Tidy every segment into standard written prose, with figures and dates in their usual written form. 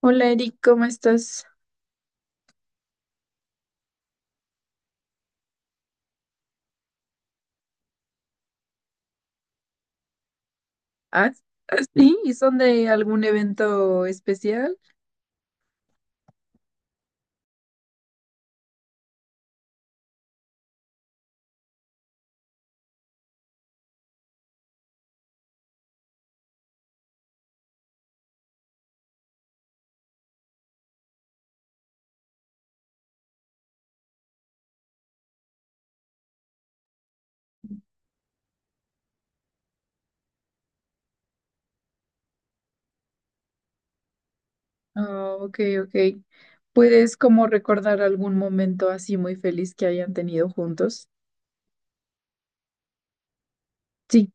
Hola Eric, ¿cómo estás? Ah, ah, sí, ¿y son de algún evento especial? Ah, ok, ok. ¿Puedes como recordar algún momento así muy feliz que hayan tenido juntos? Sí,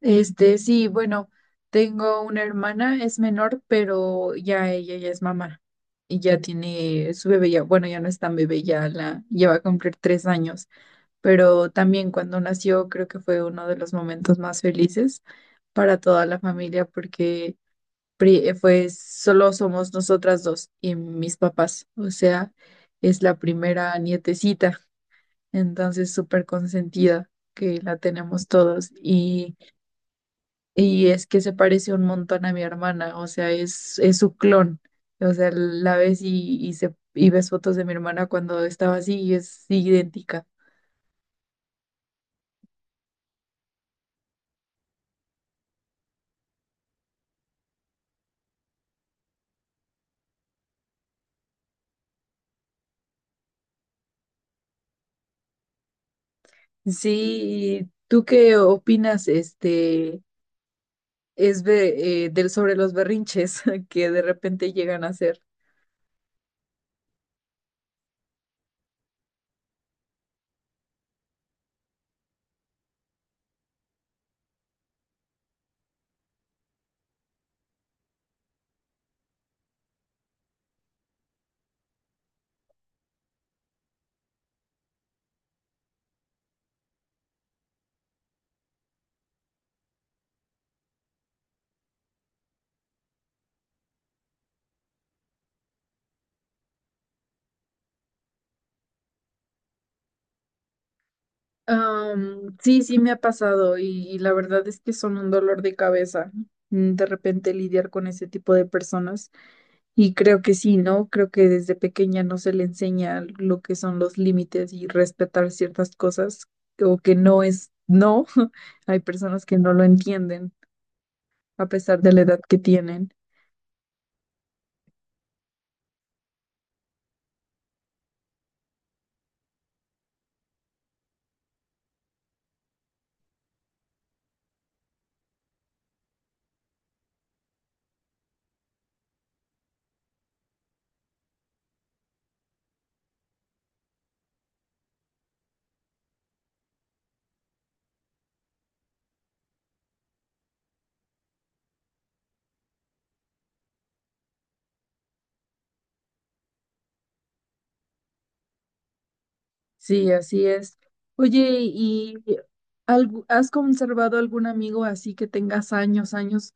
sí, bueno, tengo una hermana, es menor, pero ya ella ya es mamá y ya tiene su bebé, ya, bueno, ya no es tan bebé, ya la lleva a cumplir 3 años, pero también cuando nació creo que fue uno de los momentos más felices para toda la familia porque pues solo somos nosotras dos y mis papás, o sea, es la primera nietecita, entonces súper consentida que la tenemos todos y es que se parece un montón a mi hermana, o sea, es su clon, o sea, la ves y ves fotos de mi hermana cuando estaba así y es idéntica. Sí, ¿y tú qué opinas, es de, del sobre los berrinches que de repente llegan a hacer? Sí, sí me ha pasado y la verdad es que son un dolor de cabeza, de repente lidiar con ese tipo de personas, y creo que sí, ¿no? Creo que desde pequeña no se le enseña lo que son los límites y respetar ciertas cosas, o que no es no. Hay personas que no lo entienden a pesar de la edad que tienen. Sí, así es. Oye, ¿y has conservado algún amigo así que tengas años, años?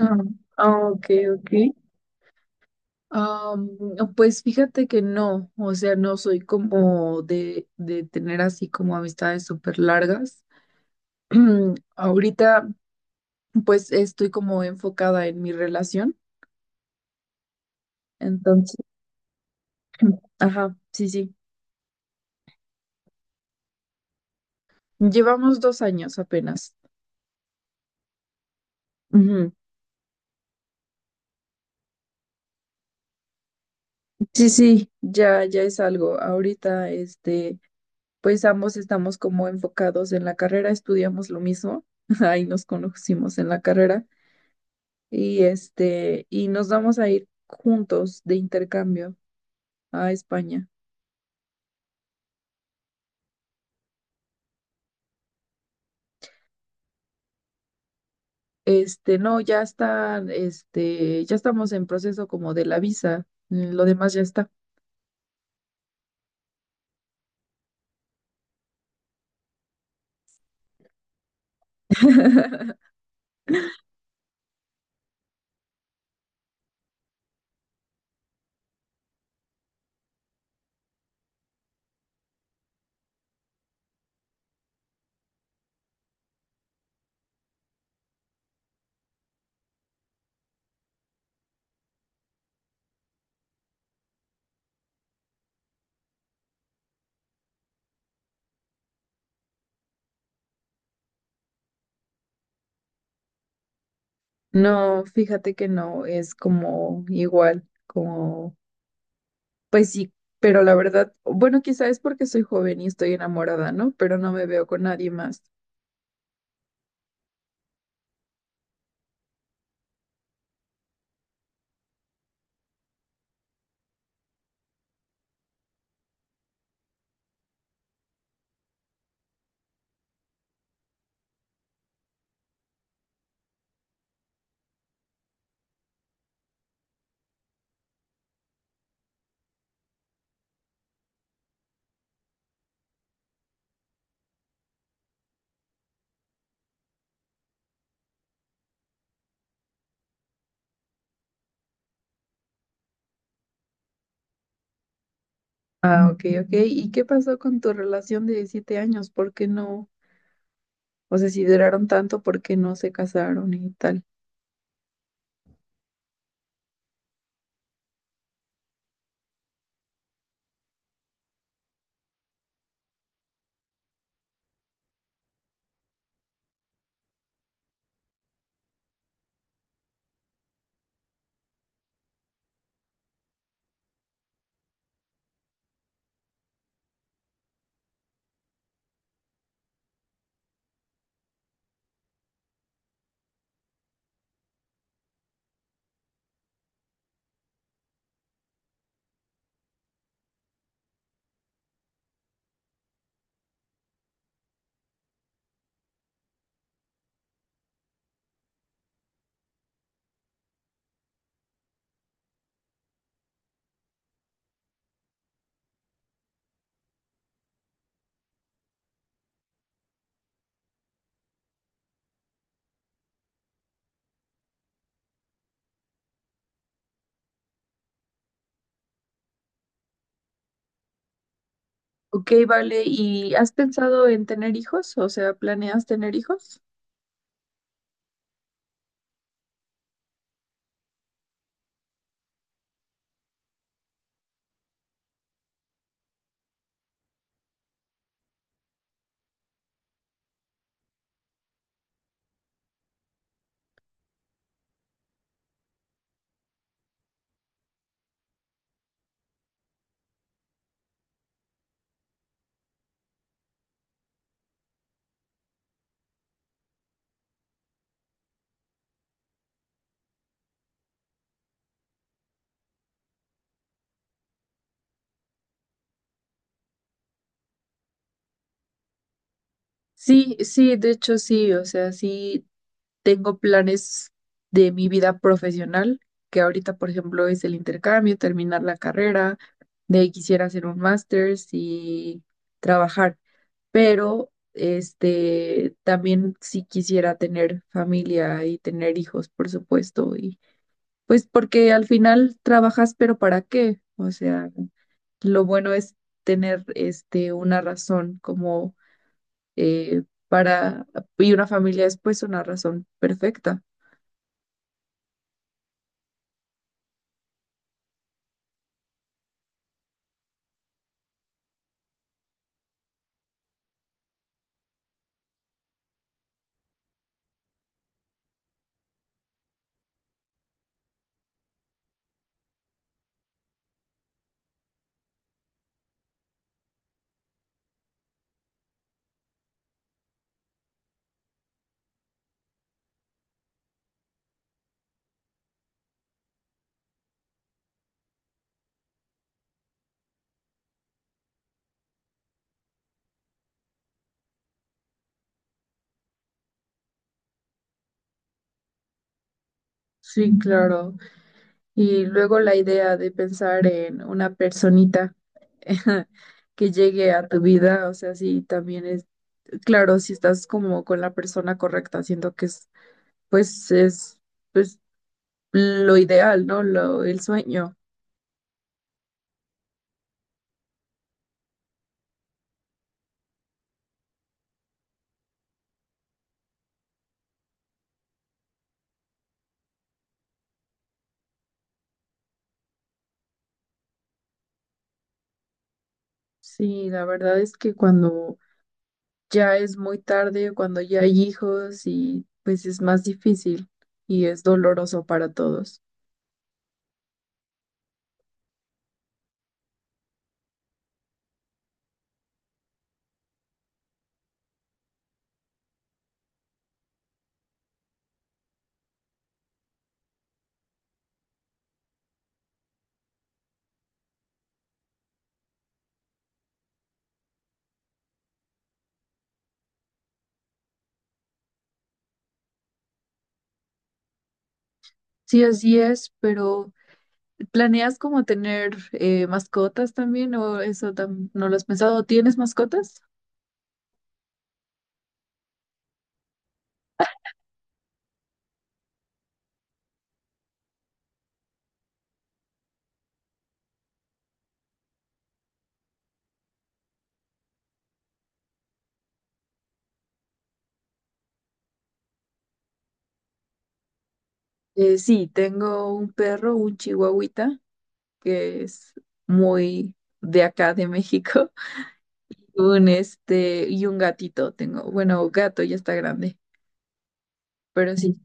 Ah, ah, ok, ok. No, pues fíjate que no, o sea, no soy como de, tener así como amistades súper largas. Ahorita, pues estoy como enfocada en mi relación, entonces, ajá, sí, sí. Llevamos 2 años apenas. Ujú. Sí, sí, ya, ya es algo. Ahorita, pues ambos estamos como enfocados en la carrera, estudiamos lo mismo, ahí nos conocimos en la carrera. Y y nos vamos a ir juntos de intercambio a España. No, ya está, ya estamos en proceso como de la visa, lo demás ya está. No, fíjate que no, es como igual, como, pues sí, pero la verdad, bueno, quizá es porque soy joven y estoy enamorada, ¿no? Pero no me veo con nadie más. Ah, ok, ok. ¿Y qué pasó con tu relación de 7 años? ¿Por qué no? O sea, si duraron tanto, ¿por qué no se casaron y tal? Ok, vale. ¿Y has pensado en tener hijos? O sea, ¿planeas tener hijos? Sí, sí, de hecho sí. O sea, sí tengo planes de mi vida profesional, que ahorita, por ejemplo, es el intercambio, terminar la carrera, de ahí quisiera hacer un máster y trabajar. Pero, también sí quisiera tener familia y tener hijos, por supuesto. Y pues porque al final trabajas, pero ¿para qué? O sea... Lo bueno es tener una razón como eh, para, y una familia es pues una razón perfecta. Sí, claro. Y luego la idea de pensar en una personita que llegue a tu vida, o sea, sí, también es, claro, si estás como con la persona correcta, siento que es, pues lo ideal, ¿no? Lo, el sueño. Sí, la verdad es que cuando ya es muy tarde cuando ya hay hijos y pues es más difícil y es doloroso para todos. Sí, así es, pero ¿planeas como tener mascotas también o eso no lo has pensado? ¿Tienes mascotas? Sí, tengo un perro, un chihuahuita, que es muy de acá de México, un y un gatito tengo. Bueno, gato ya está grande, pero sí,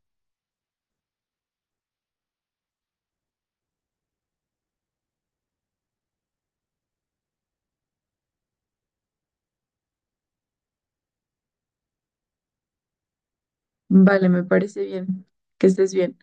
vale, me parece bien. Que estés bien.